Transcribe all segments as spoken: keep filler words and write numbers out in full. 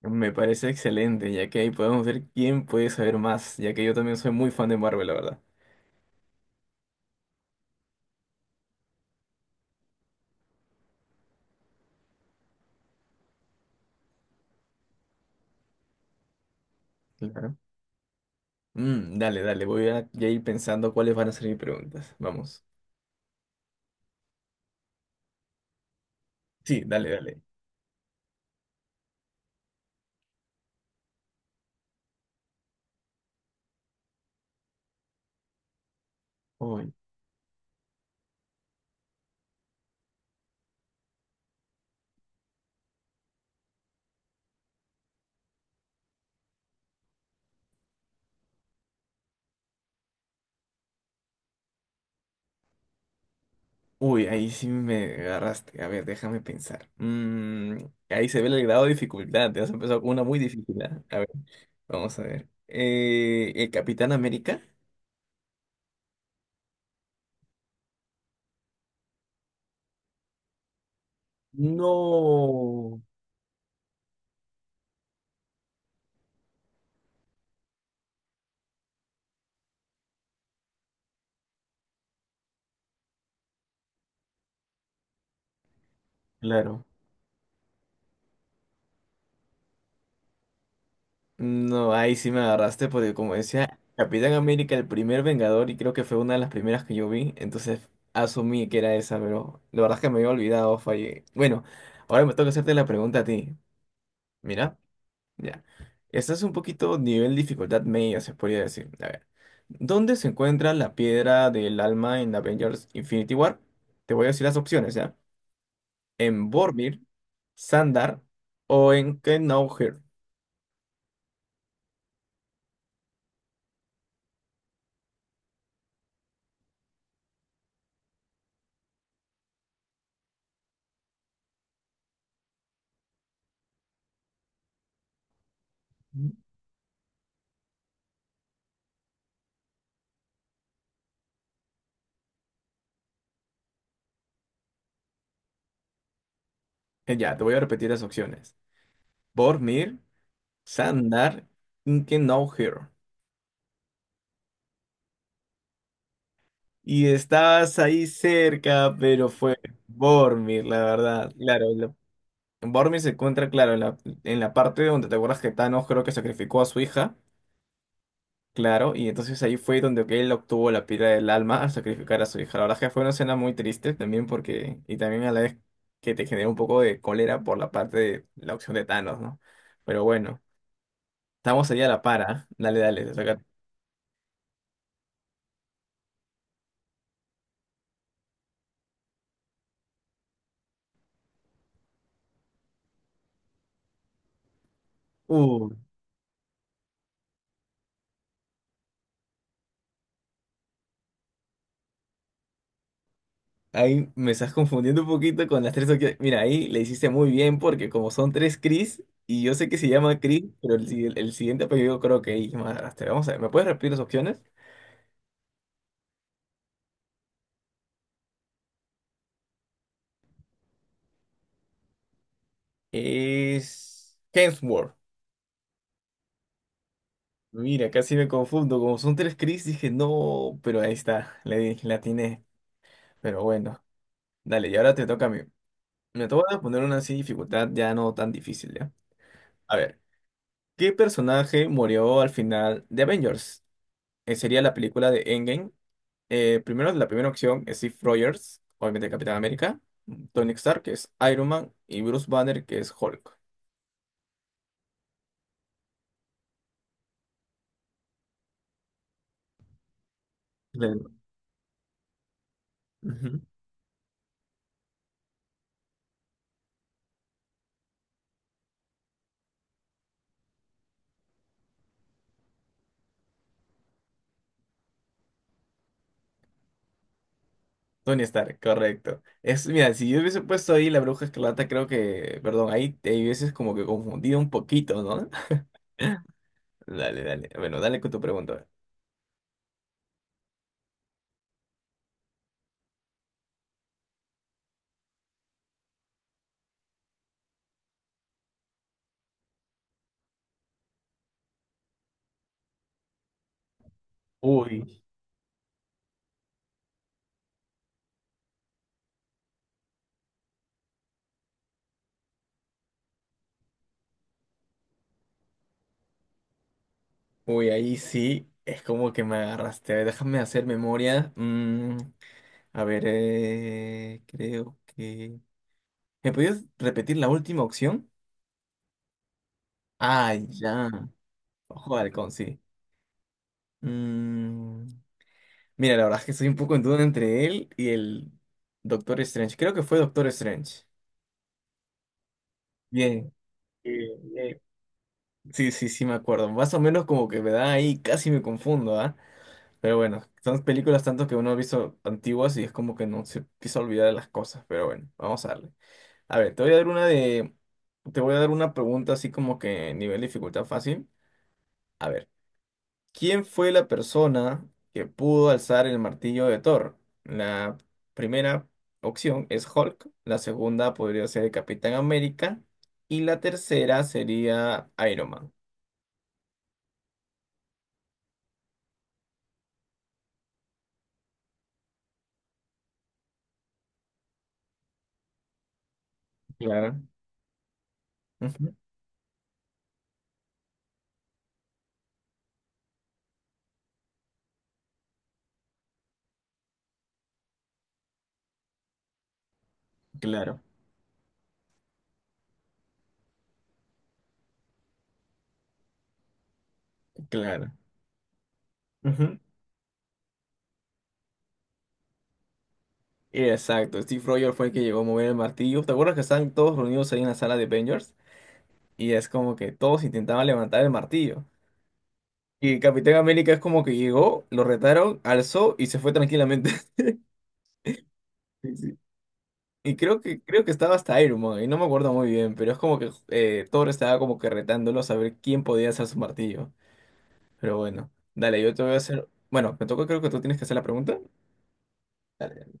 Me parece excelente, ya que ahí podemos ver quién puede saber más, ya que yo también soy muy fan de Marvel, la verdad. Claro. Mm, dale, dale, voy a ya ir pensando cuáles van a ser mis preguntas. Vamos. Sí, dale, dale. Uy, uy, ahí sí me agarraste. A ver, déjame pensar. Mm, ahí se ve el grado de dificultad. Te has empezado con una muy difícil. ¿Ah? A ver, vamos a ver. Eh, ¿el Capitán América? No. Claro. No, ahí sí me agarraste porque como decía Capitán América, el primer Vengador, y creo que fue una de las primeras que yo vi, entonces asumí que era esa, pero la verdad es que me había olvidado, fallé. Bueno, ahora me toca hacerte la pregunta a ti. Mira, ya. Esta es un poquito nivel dificultad media, se podría decir. A ver, ¿dónde se encuentra la piedra del alma en Avengers Infinity War? Te voy a decir las opciones, ¿ya? ¿En Boromir, Sandar o en Knowher? Ya, te voy a repetir las opciones. Bormir, Sandar, Inkenauhir. Y estabas ahí cerca, pero fue Bormir, la verdad. Claro, lo- Bormir se encuentra, claro, en la, en la parte donde te acuerdas que Thanos creo que sacrificó a su hija, claro, y entonces ahí fue donde que él obtuvo la piedra del alma al sacrificar a su hija. La verdad es que fue una escena muy triste también porque, y también a la vez que te generó un poco de cólera por la parte de la opción de Thanos, ¿no? Pero bueno, estamos allá a la para. Dale, dale, te toca. Ahí me estás confundiendo un poquito con las tres opciones. Mira, ahí le hiciste muy bien porque como son tres Chris, y yo sé que se llama Chris, pero el, si- el siguiente apellido creo que es Madrastra. Vamos a ver, ¿me puedes repetir las opciones? Es Hemsworth. Mira, casi me confundo. Como son tres Chris, dije no, pero ahí está, le di, la atiné. Pero bueno, dale, y ahora te toca a mí. Me toca poner una así dificultad ya no tan difícil, ¿ya? A ver, ¿qué personaje murió al final de Avengers? Eh, sería la película de Endgame. Eh, primero, la primera opción es Steve Rogers, obviamente Capitán América, Tony Stark, que es Iron Man, y Bruce Banner, que es Hulk. Claro. Ujú. Tony Stark, correcto. Es, mira, si yo hubiese puesto ahí la Bruja Escarlata, creo que, perdón, ahí te hubieses como que confundido un poquito, ¿no? Dale, dale. Bueno, dale con tu pregunta. Uy, Uy, ahí sí, es como que me agarraste. A ver, déjame hacer memoria. Mm, a ver, eh, creo que... ¿Me podías repetir la última opción? Ah, ya. Ojo de halcón, sí. Mm, mira, la verdad es que estoy un poco en duda entre él y el Doctor Strange. Creo que fue Doctor Strange. Bien. Bien, bien. Sí, sí, sí, me acuerdo. Más o menos como que me da ahí, casi me confundo, ¿ah? Pero bueno, son películas tanto que uno ha visto antiguas y es como que no se empieza a olvidar de las cosas. Pero bueno, vamos a darle. A ver, te voy a dar una de... Te voy a dar una pregunta así como que nivel dificultad fácil. A ver. ¿Quién fue la persona que pudo alzar el martillo de Thor? La primera opción es Hulk, la segunda podría ser el Capitán América y la tercera sería Iron Man. Claro, ujú, claro, claro. Ujú. Exacto, Steve Rogers fue el que llegó a mover el martillo. ¿Te acuerdas que estaban todos reunidos ahí en la sala de Avengers? Y es como que todos intentaban levantar el martillo. Y Capitán América es como que llegó, lo retaron, alzó y se fue tranquilamente. Y creo que, creo que estaba hasta Iron Man, y no me acuerdo muy bien, pero es como que eh, Thor estaba como que retándolo a saber quién podía hacer su martillo. Pero bueno, dale, yo te voy a hacer. Bueno, me toca, creo que tú tienes que hacer la pregunta. Dale.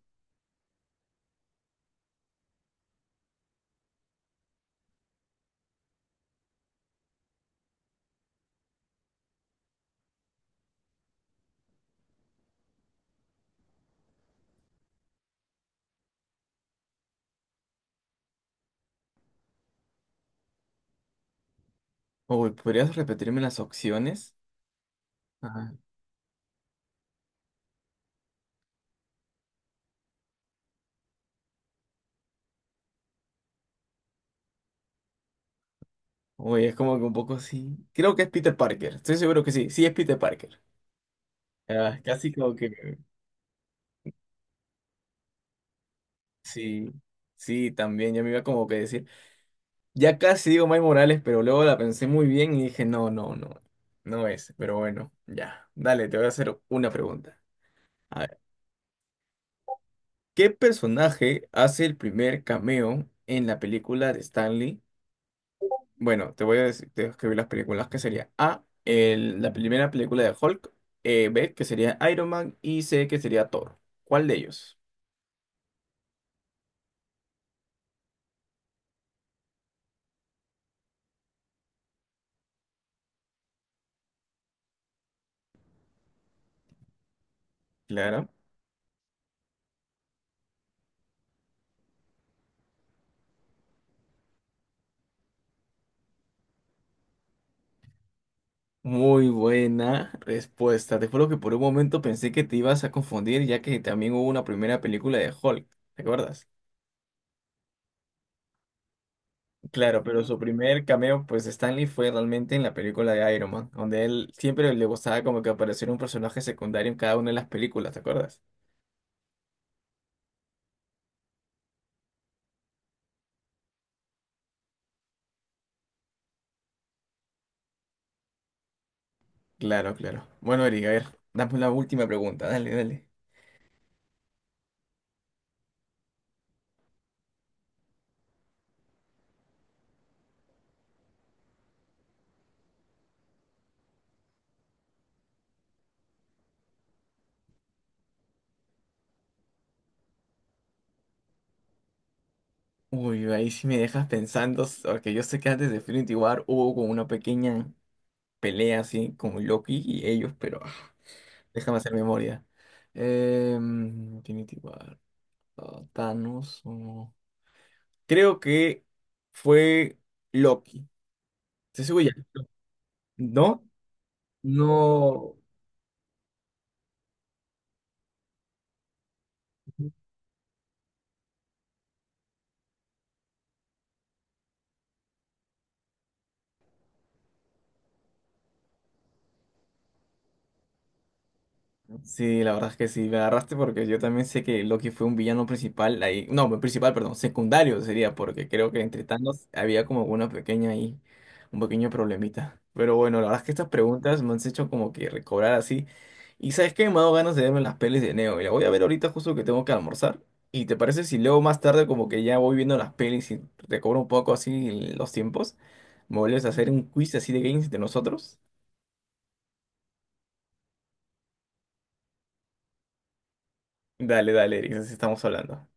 Uy, ¿podrías repetirme las opciones? Ajá. Uy, es como que un poco así. Creo que es Peter Parker, estoy seguro que sí, sí es Peter Parker. Ah, casi como que. Sí, sí, también, yo me iba como que a decir. Ya casi digo Miles Morales, pero luego la pensé muy bien y dije, no, no, no, no es. Pero bueno, ya. Dale, te voy a hacer una pregunta. A ver, ¿qué personaje hace el primer cameo en la película de Stanley? Bueno, te voy a decir, te voy a escribir las películas, que sería A, el- la primera película de Hulk, eh, B, que sería Iron Man, y C, que sería Thor. ¿Cuál de ellos? Claro. Muy buena respuesta. Te juro que por un momento pensé que te ibas a confundir, ya que también hubo una primera película de Hulk, ¿te acuerdas? Claro, pero su primer cameo, pues Stanley, fue realmente en la película de Iron Man, donde él siempre le gustaba como que apareciera un personaje secundario en cada una de las películas, ¿te acuerdas? Claro, claro. Bueno, erika a ver, dame la última pregunta, dale, dale. Uy, ahí sí me dejas pensando, s- porque yo sé que antes de Infinity War hubo como una pequeña pelea así con Loki y ellos, pero déjame hacer memoria. Em, Infinity War, ah, Thanos. O- Creo que fue Loki. ¿Te seguro ya? ¿No? No. Sí, la verdad es que sí, me agarraste porque yo también sé que Loki fue un villano principal ahí, no, principal, perdón, secundario sería, porque creo que entre tantos había como una pequeña ahí, un pequeño problemita. Pero bueno, la verdad es que estas preguntas me han hecho como que recobrar así. Y sabes que me ha dado ganas de verme las pelis de Neo, y la voy a ver ahorita justo que tengo que almorzar. ¿Y te parece si luego más tarde como que ya voy viendo las pelis y recobro un poco así los tiempos? ¿Me vuelves a hacer un quiz así de games de nosotros? Dale, dale, Eric, así estamos hablando.